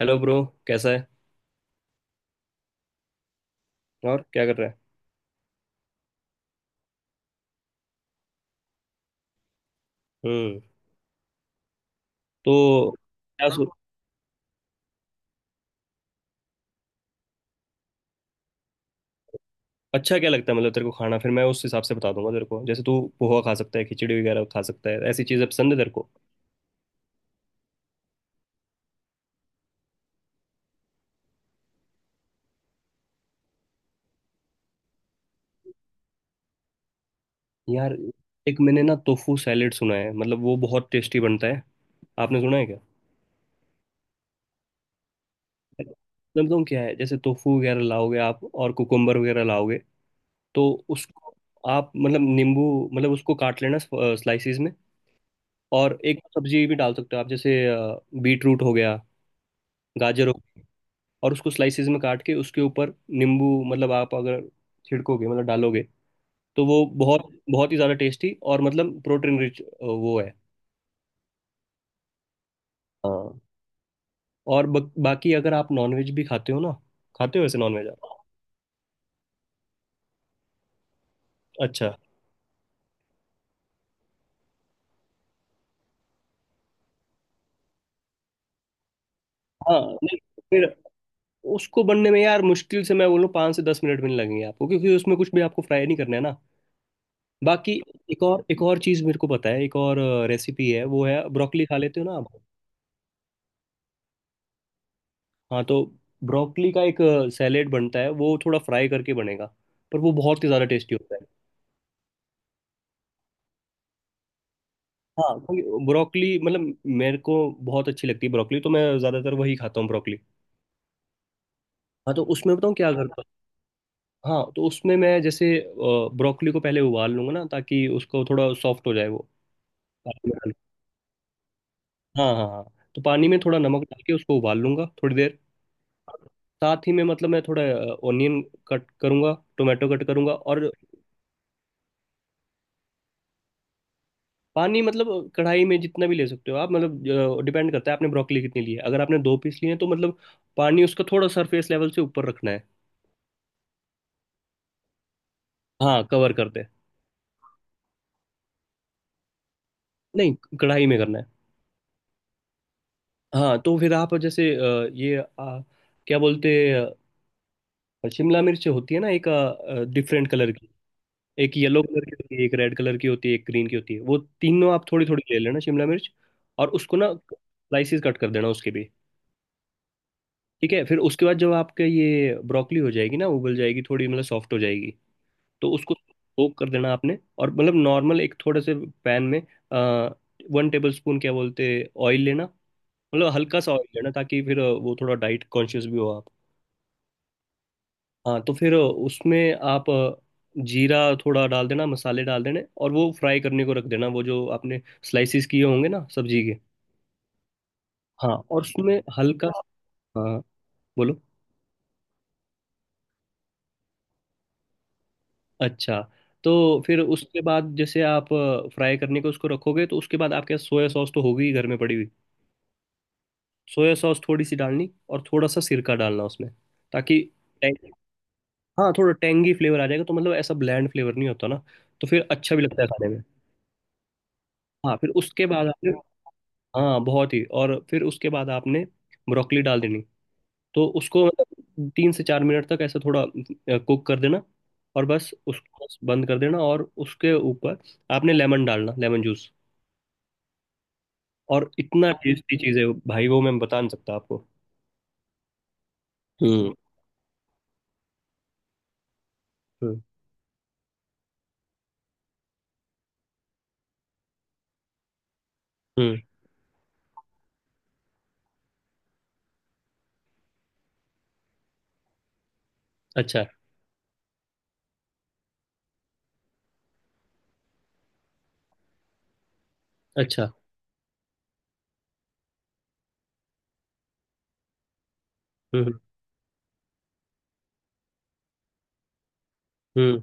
Hello bro. कैसा है। और क्या कर रहा है। हम्म। तो क्या सो। अच्छा, क्या लगता है मतलब तेरे को खाना? फिर मैं उस हिसाब से बता दूंगा तेरे को। जैसे तू पोहा खा सकता है, खिचड़ी वगैरह खा सकता है। ऐसी चीज़ें पसंद है तेरे को? यार, एक मैंने ना टोफू सैलेड सुना है, मतलब वो बहुत टेस्टी बनता है। आपने सुना है क्या? मतलब तुम क्या है, जैसे टोफू वगैरह लाओगे आप और कुकुम्बर वगैरह लाओगे। तो उसको आप मतलब नींबू, मतलब उसको काट लेना स्लाइसिस में। और एक सब्जी भी डाल सकते हो आप, जैसे बीट रूट हो गया, गाजर हो गया। और उसको स्लाइसिस में काट के उसके ऊपर नींबू मतलब आप अगर छिड़कोगे, मतलब डालोगे, तो वो बहुत बहुत ही ज़्यादा टेस्टी और मतलब प्रोटीन रिच वो है। हाँ। और बाकी, अगर आप नॉनवेज भी खाते हो ना। खाते हो वैसे नॉनवेज आप? अच्छा। हाँ, नहीं, फिर उसको बनने में यार मुश्किल से मैं बोलूँ 5 से 10 मिनट भी नहीं लगेंगे आपको, क्योंकि उसमें कुछ भी आपको फ्राई नहीं करना है ना। बाकी, एक और चीज़ मेरे को पता है, एक और रेसिपी है। वो है ब्रोकली। खा लेते हो ना आप? हाँ, तो ब्रोकली का एक सैलेड बनता है। वो थोड़ा फ्राई करके बनेगा, पर वो बहुत ही ज़्यादा टेस्टी होता है। हाँ, क्योंकि ब्रोकली मतलब मेरे को बहुत अच्छी लगती है ब्रोकली, तो मैं ज़्यादातर वही खाता हूँ ब्रोकली। हाँ, तो उसमें बताऊँ क्या करता हूँ। हाँ, तो उसमें मैं जैसे ब्रोकली को पहले उबाल लूंगा ना, ताकि उसको थोड़ा सॉफ्ट हो जाए वो। पानी में डाल- के। हाँ, हाँ, हाँ। तो पानी में थोड़ा नमक डाल के उसको उबाल लूंगा थोड़ी देर। साथ ही में मतलब मैं थोड़ा ऑनियन कट करूंगा, टोमेटो कट करूंगा और। पानी मतलब कढ़ाई में जितना भी ले सकते हो आप, मतलब डिपेंड करता है आपने ब्रोकली कितनी ली है। अगर आपने 2 पीस लिए हैं तो मतलब पानी उसका थोड़ा सरफेस लेवल से ऊपर रखना है। हाँ, कवर कर दे। नहीं, कढ़ाई में करना है। हाँ, तो फिर आप जैसे ये, क्या बोलते हैं, शिमला मिर्च होती है ना एक डिफरेंट कलर की। एक येलो कलर की होती है, एक रेड कलर की होती है, एक ग्रीन की होती है। वो तीनों आप थोड़ी थोड़ी ले लेना शिमला मिर्च। और उसको ना स्लाइसिस कट कर देना उसके भी। ठीक है। फिर उसके बाद जब आपका ये ब्रोकली हो जाएगी ना, उबल जाएगी थोड़ी, मतलब सॉफ्ट हो जाएगी, तो उसको सोक कर देना आपने। और मतलब नॉर्मल एक थोड़े से पैन में, आ, 1 टेबल स्पून क्या बोलते, ऑयल लेना। मतलब हल्का सा ऑयल लेना, ताकि फिर वो थोड़ा डाइट कॉन्शियस भी हो आप। हाँ, तो फिर उसमें आप जीरा थोड़ा डाल देना, मसाले डाल देने, और वो फ्राई करने को रख देना वो जो आपने स्लाइसिस किए होंगे ना सब्जी के। हाँ, और उसमें हल्का। हाँ, बोलो। अच्छा, तो फिर उसके बाद जैसे आप फ्राई करने को उसको रखोगे, तो उसके बाद आपके सोया सॉस तो होगी ही घर में पड़ी हुई। सोया सॉस थोड़ी सी डालनी और थोड़ा सा सिरका डालना उसमें, ताकि टैंग- हाँ, थोड़ा टेंगी फ्लेवर आ जाएगा, तो मतलब ऐसा ब्लैंड फ्लेवर नहीं होता ना। तो फिर अच्छा भी लगता है खाने में। हाँ, फिर उसके बाद आपने। हाँ, बहुत ही। और फिर उसके बाद आपने ब्रोकली डाल देनी। तो उसको मतलब 3 से 4 मिनट तक ऐसा थोड़ा कुक कर देना। और बस उसको बस बंद कर देना, और उसके ऊपर आपने लेमन डालना, लेमन जूस। और इतना टेस्टी चीज़ है भाई वो, मैं बता नहीं सकता आपको। हम्म, हम्म, हम्म, अच्छा, अच्छा। हम्म, हम्म।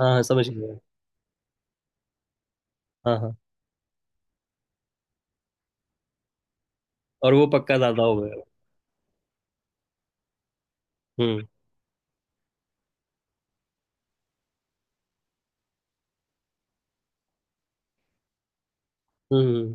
हाँ, हाँ, समझ गया। हाँ, हाँ। और वो पक्का दादा हो गया। हम्म, हम्म।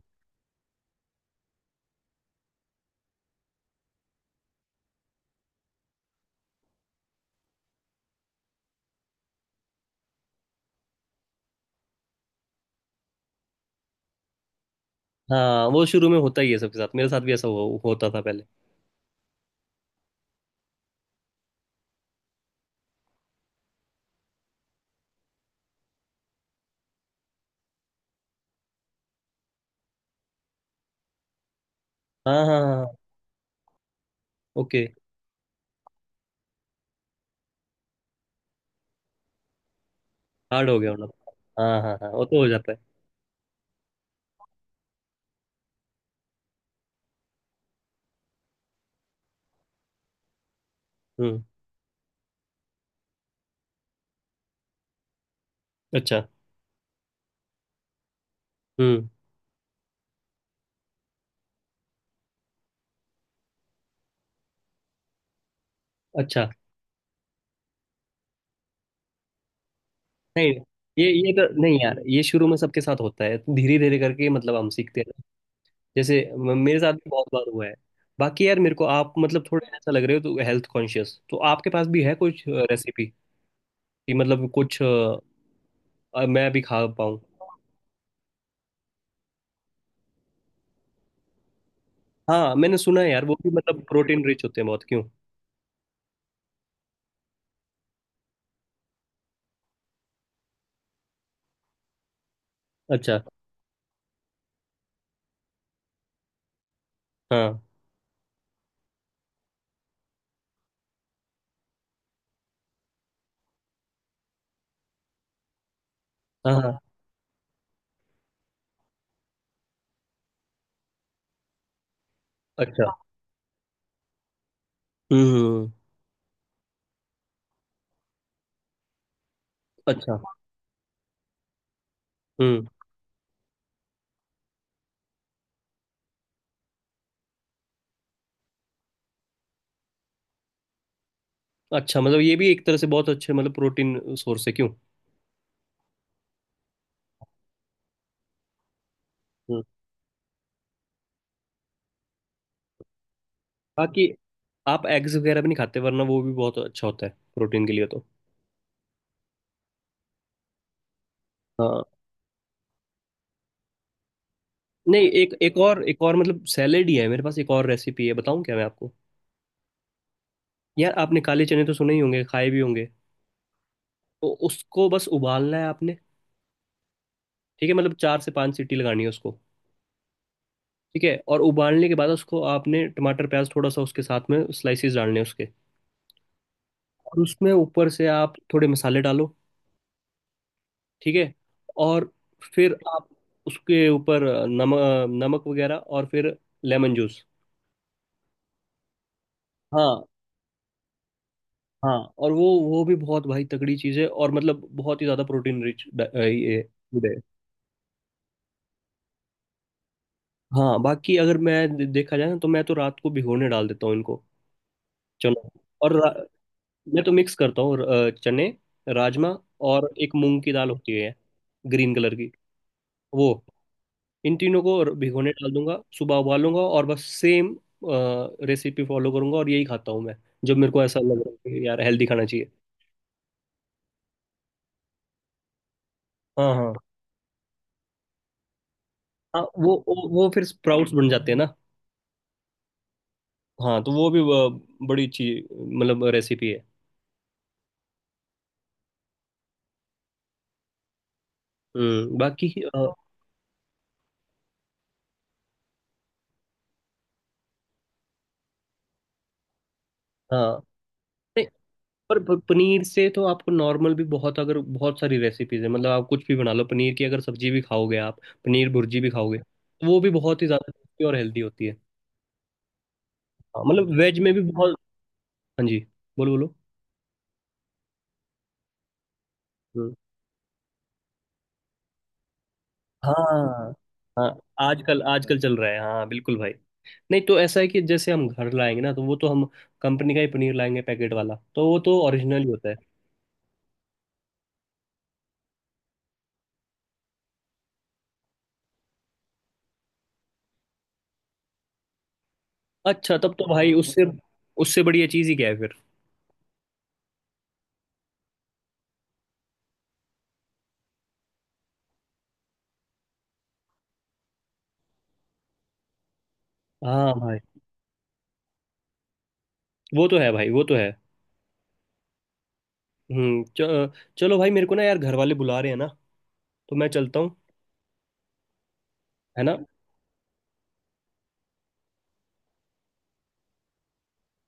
हाँ, वो शुरू में होता ही है सबके साथ, मेरे साथ भी ऐसा होता था पहले। हाँ, हाँ, हाँ, हाँ। ओके। हार्ड हो गया होना। हाँ, हाँ, हाँ, वो तो हो जाता है। हम्म, अच्छा। हम्म, अच्छा। नहीं, ये तो नहीं यार, ये शुरू में सबके साथ होता है, धीरे धीरे करके मतलब हम सीखते हैं। जैसे मेरे साथ भी बहुत बार हुआ है। बाकी यार, मेरे को आप मतलब थोड़े ऐसा लग रहे हो तो हेल्थ कॉन्शियस, तो आपके पास भी है कुछ रेसिपी कि मतलब कुछ? और मैं भी खा पाऊँ। हाँ, मैंने सुना है यार वो भी मतलब प्रोटीन रिच होते हैं बहुत, क्यों? अच्छा। हाँ, हाँ, हाँ। अच्छा। हम्म, अच्छा। हम्म, अच्छा। मतलब ये भी एक तरह से बहुत अच्छे मतलब प्रोटीन सोर्स है, क्यों? हम्म। बाकी, आप एग्स वगैरह भी नहीं खाते, वरना वो भी बहुत अच्छा होता है प्रोटीन के लिए तो। हाँ, नहीं, एक एक और मतलब सैलेड ही है मेरे पास, एक और रेसिपी है, बताऊं क्या मैं आपको? यार, आपने काले चने तो सुने ही होंगे, खाए भी होंगे। तो उसको बस उबालना है आपने। ठीक है, मतलब 4 से 5 सीटी लगानी है उसको। ठीक है। और उबालने के बाद उसको आपने टमाटर, प्याज थोड़ा सा उसके साथ में, स्लाइसेस डालने हैं उसके। और उसमें ऊपर से आप थोड़े मसाले डालो। ठीक है। और फिर आप उसके ऊपर नमक, नमक वगैरह और फिर लेमन जूस। हाँ, हाँ। और वो भी बहुत भाई तगड़ी चीज़ है और मतलब बहुत ही ज़्यादा प्रोटीन रिच ये food है। हाँ, बाकी अगर मैं देखा जाए ना, तो मैं तो रात को भिगोने डाल देता हूँ इनको। चलो। और मैं तो मिक्स करता हूँ चने, राजमा और एक मूंग की दाल होती है ग्रीन कलर की, वो। इन तीनों को भिगोने डाल दूंगा, सुबह उबालूंगा और बस सेम रेसिपी फॉलो करूंगा, और यही खाता हूँ मैं जब मेरे को ऐसा लग रहा है कि यार हेल्दी खाना चाहिए। हाँ, हाँ, हाँ, वो फिर स्प्राउट्स बन जाते हैं ना। हाँ, तो वो भी बड़ी अच्छी मतलब रेसिपी है। हम्म। बाकी अ, हाँ। नहीं, पर पनीर से तो आपको नॉर्मल भी बहुत, अगर बहुत सारी रेसिपीज है मतलब आप कुछ भी बना लो पनीर की। अगर सब्जी भी खाओगे आप, पनीर भुर्जी भी खाओगे, तो वो भी बहुत ही ज्यादा टेस्टी और हेल्दी होती है। हाँ, मतलब वेज में भी बहुत। हाँ जी, बोलो, बोलो। हम्म। हाँ, हाँ, आजकल, आजकल चल रहा है, हाँ, बिल्कुल भाई। नहीं तो ऐसा है कि जैसे हम घर लाएंगे ना, तो वो तो हम कंपनी का ही पनीर लाएंगे पैकेट वाला, तो वो तो ओरिजिनल ही होता है। अच्छा, तब तो भाई उससे उससे बढ़िया चीज़ ही क्या है फिर। हाँ भाई। वो तो है भाई, वो तो है। हम्म। चलो भाई, मेरे को ना यार घर वाले बुला रहे हैं ना, तो मैं चलता हूँ, है ना।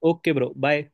Okay bro, bye.